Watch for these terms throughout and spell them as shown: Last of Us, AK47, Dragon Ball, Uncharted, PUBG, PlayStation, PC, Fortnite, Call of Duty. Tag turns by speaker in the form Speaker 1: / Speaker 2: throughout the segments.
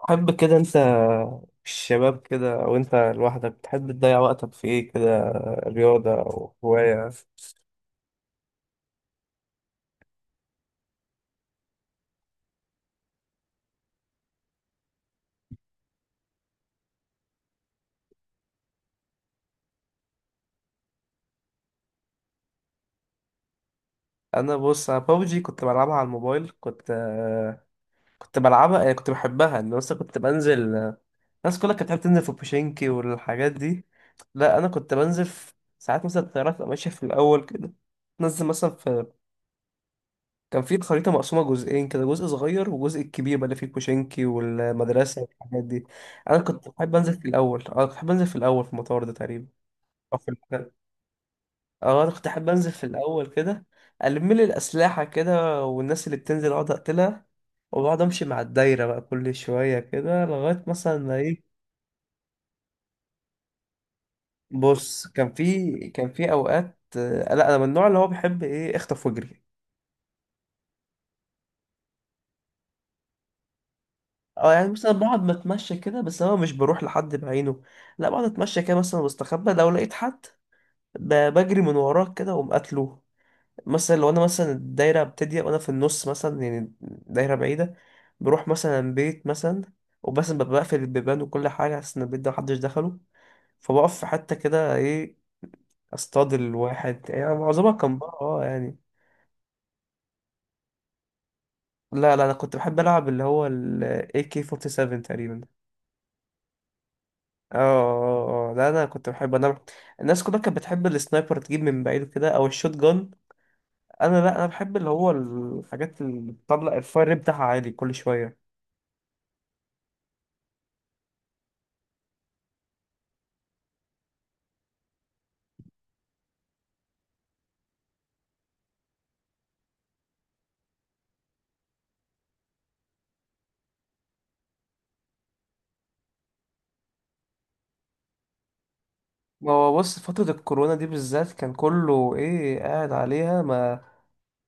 Speaker 1: تحب كده انت؟ الشباب كده او انت لوحدك تحب تضيع وقتك في ايه كده؟ رياضة او هواية؟ انا بص بابجي كنت بلعبها على الموبايل، كنت بلعبها يعني، كنت بحبها ان مثلا كنت بنزل. الناس كلها كانت بتحب تنزل في بوشينكي والحاجات دي. لا انا كنت بنزل في ساعات مثلا الطيارات تبقى ماشية في الاول كده، تنزل مثلا في. كان في الخريطة مقسومة جزئين كده، جزء صغير وجزء الكبير بقى اللي فيه كوشنكي والمدرسة والحاجات دي. أنا كنت بحب أنزل في الأول، أنا كنت بحب أنزل في الأول في المطار ده تقريبا، أو في المكان. أه، أنا كنت أحب أنزل في الأول كده، ألم لي الأسلحة كده، والناس اللي بتنزل أقعد أقتلها. وبقعد أمشي مع الدايرة بقى كل شوية كده لغاية مثلا ما إيه. بص كان في أوقات لا، أنا من النوع اللي هو بيحب إيه، أخطف وأجري. اه يعني مثلا بقعد بتمشى كده، بس انا مش بروح لحد بعينه. لا بقعد اتمشى كده مثلا واستخبى، لو لقيت حد بجري من وراه كده واقوم قاتله. مثلا لو انا مثلا الدايره بتضيق وانا في النص مثلا، يعني دايره بعيده، بروح مثلا بيت مثلا، وبس ببقى بقفل البيبان وكل حاجه عشان البيت ده محدش دخله. فبقف في حته كده ايه، اصطاد الواحد. يعني معظمها كان بره اه يعني. لا انا كنت بحب العب اللي هو ال AK47 تقريبا. اه لا، انا كنت بحب انا. الناس كلها كانت بتحب السنايبر، تجيب من بعيد كده او الشوت جان. انا لا، انا بحب اللي هو الحاجات اللي بتطلع الفاير ريت بتاعها عالي كل شويه. ما هو بص، فترة الكورونا دي بالذات كان كله ايه قاعد عليها، ما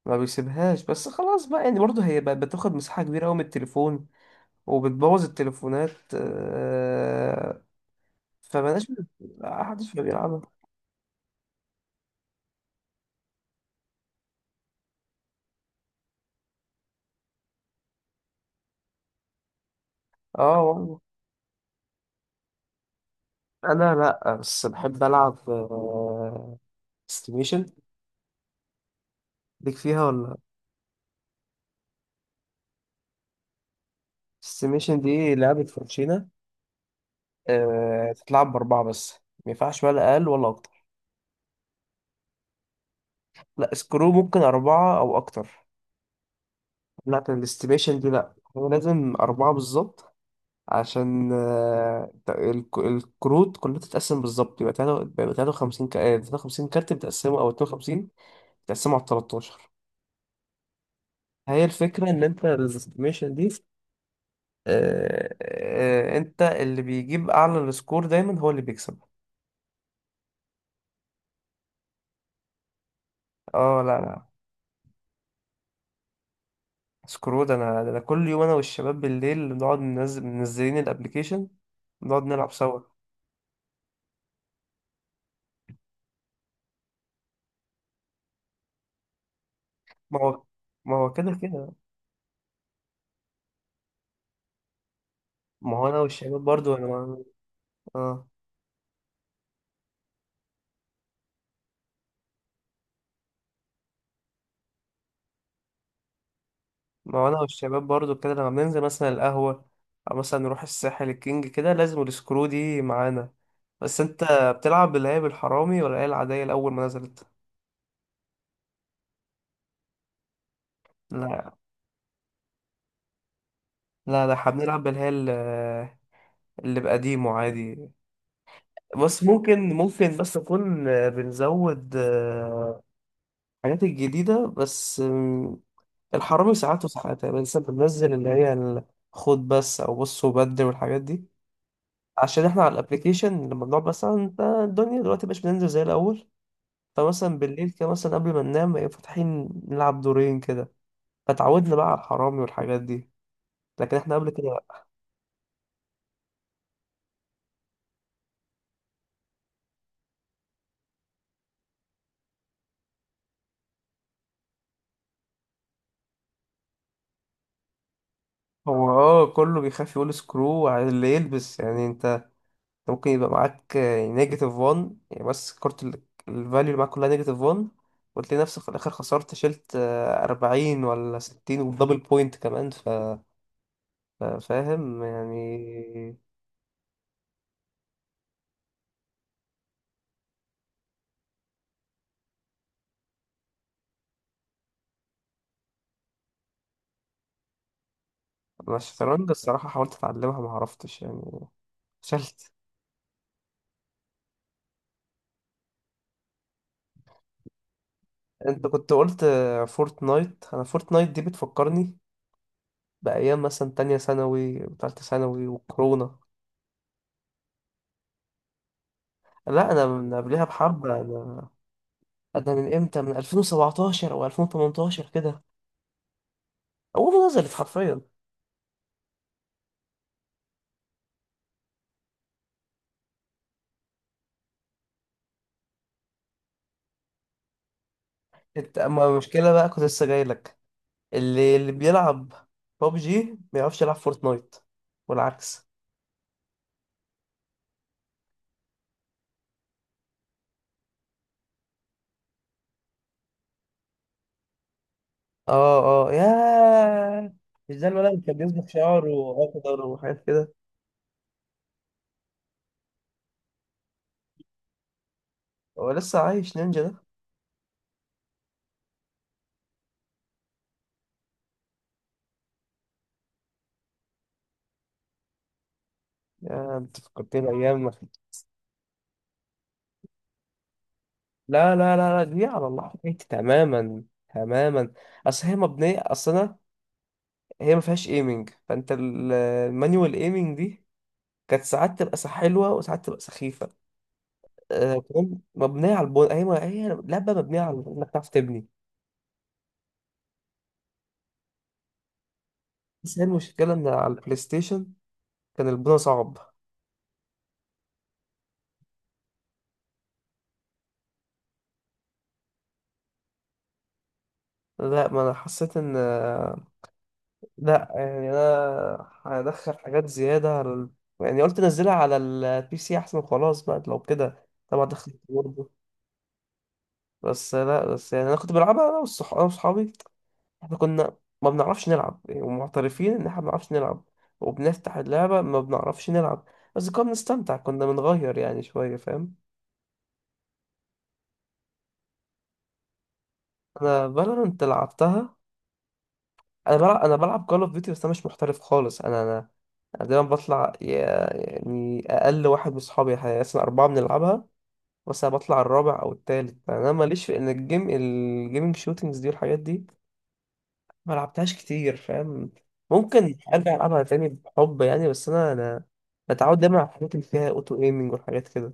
Speaker 1: ما بيسيبهاش. بس خلاص بقى يعني، برضه هي بقت بتاخد مساحة كبيرة قوي من التليفون وبتبوظ التليفونات آه، فبلاش، محدش بقى بيلعبها. اه والله. انا لا، بس بحب العب استيميشن. ليك فيها ولا؟ السيميشن دي لعبة فرنشينة تتلعب بأربعة بس، ما ينفعش ولا أقل ولا أكتر. لا سكرو ممكن أربعة أو أكتر، لكن الاستيميشن دي لأ، هو لازم أربعة بالظبط عشان الكروت كلها تتقسم بالظبط. يبقى 53 53 كارت بتقسمه، أو 52 بتقسمه على 13. هي الفكرة إن أنت الاستيميشن دي أنت اللي بيجيب أعلى السكور دايما هو اللي بيكسب. لا سكرو ده انا، ده أنا كل يوم انا والشباب بالليل بنقعد ننزل منزلين الابليكيشن، بنقعد نلعب سوا. ما هو ما هو كده كده. ما هو انا والشباب برضو انا ما... اه ما هو انا والشباب برضو كده لما بننزل مثلا القهوة، او مثلا نروح الساحل الكينج كده، لازم السكرو دي معانا. بس انت بتلعب باللي هي بالحرامي ولا هي العادية الاول ما نزلت؟ لا لا احنا بنلعب اللي بقديمه عادي. بس ممكن نكون بنزود الحاجات الجديدة بس الحرامي ساعات وساعات. يعني لسه بننزل خد بس، أو بص وبدل والحاجات دي، عشان احنا على الابليكيشن لما بنقعد مثلا، انت الدنيا دلوقتي مش بننزل زي الأول. فمثلا بالليل كده مثلا قبل ما ننام يبقى فاتحين نلعب دورين كده، فتعودنا بقى على الحرامي والحاجات دي، لكن احنا قبل كده لأ. هو اه كله بيخاف يقول سكرو على اللي يلبس يعني. انت ممكن يبقى معاك نيجاتيف 1 يعني، بس كارت الفاليو اللي معاك كلها نيجاتيف 1، وتلاقي نفسك في الآخر خسرت، شلت أربعين ولا ستين، ودبل بوينت كمان فاهم يعني. أنا الشطرنج الصراحة حاولت أتعلمها ما عرفتش يعني، فشلت. أنت كنت قلت فورتنايت، أنا فورتنايت دي بتفكرني بأيام مثلا تانية ثانوي وتالتة ثانوي وكورونا. لا أنا من قبلها بحبة، أنا من إمتى، من 2017 أو 2018 كده، هو نزلت حرفيا. انت اما المشكله بقى كنت لسه جاي لك. اللي بيلعب بابجي ما يعرفش يلعب فورتنايت والعكس. اه يا، مش ده الولد اللي كان بيصبغ شعره اخضر وحاجات كده؟ هو لسه عايش نينجا ده؟ يا انت فكرتني ايام ما كنت. لا دي على الله حكايتي تماما، تماما. اصل هي مبنيه، اصل انا هي ما فيهاش ايمنج. فانت المانيوال ايمنج دي كانت ساعات تبقى حلوه وساعات تبقى سخيفه كمان. مبنية على البن... هي هي لعبة مبنية على إنك تعرف تبني. بس هي المشكلة إن على البلاي ستيشن كان البناء صعب. لا، ما أنا حسيت إن آه، لا يعني أنا هدخل حاجات زيادة على ال... يعني قلت أنزلها على البي سي أحسن وخلاص بقى، لو كده طبعا دخلت برضه. بس لا، بس يعني أنا كنت بلعبها أنا وصحابي. إحنا كنا ما بنعرفش نلعب يعني، ومعترفين إن إحنا ما بنعرفش نلعب، وبنفتح اللعبة ما بنعرفش نلعب، بس كنا بنستمتع، كنا بنغير يعني شوية، فاهم. انا فالورانت لعبتها. انا بلعب كول اوف ديوتي، بس انا مش محترف خالص. انا انا أنا دايما بطلع يعني اقل واحد من اصحابي. احنا اصلا اربعه بنلعبها، بس انا بطلع الرابع او التالت، فانا ماليش في ان الجيم الجيمنج شوتينجز دي والحاجات دي، ما لعبتهاش كتير، فاهم. ممكن ارجع العبها تاني بحب يعني، بس انا بتعود دايما على الحاجات اللي فيها اوتو ايمنج والحاجات كده.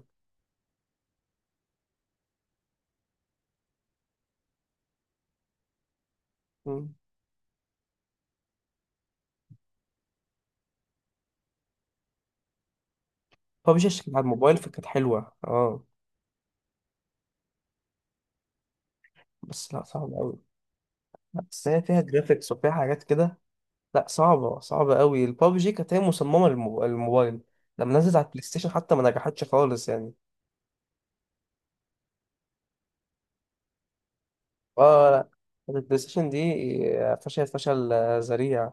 Speaker 1: مم. فبشاش كانت على الموبايل فكانت حلوه اه، بس لا صعب قوي، بس هي فيها جرافيكس وفيها حاجات كده. لا صعبة صعبة قوي. البابجي كانت هي مصممة للموبايل، لما نزلت على البلاي ستيشن حتى ما نجحتش خالص يعني. اه لا، البلاي ستيشن دي فشل، فشل ذريع.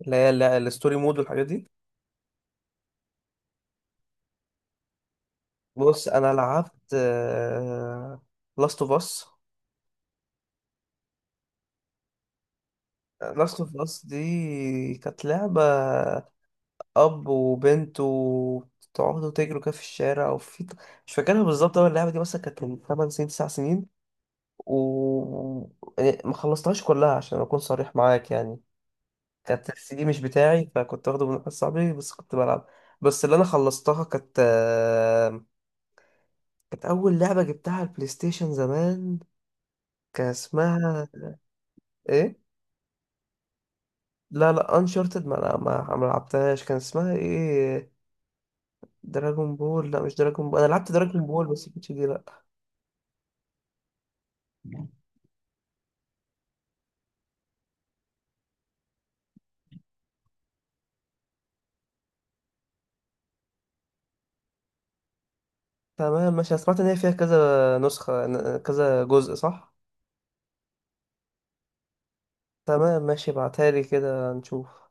Speaker 1: الستوري مود والحاجات دي، بص انا لعبت لاست اوف اس. لاست اوف اس دي كانت لعبة اب وبنت، وتقعدوا تجروا كده في الشارع وفي، مش فاكرها بالظبط. اول اللعبة دي مثلا كانت من 8 سنين، 9 سنين، وما خلصتهاش كلها عشان اكون صريح معاك يعني. كانت السي دي مش بتاعي، فكنت واخده من واحد صاحبي، بس كنت بلعب. بس اللي انا خلصتها كانت كانت اول لعبه جبتها على البلاي ستيشن زمان، كان اسمها ايه؟ لا انشارتد ما، لا ما ما لعبتهاش. كان اسمها ايه، دراجون بول؟ لا مش دراجون بول، انا لعبت دراجون بول بس مش دي لا. تمام ماشي، أنا سمعت ان هي فيها كذا نسخه، كذا جزء صح؟ تمام ماشي، ابعتها لي كده نشوف.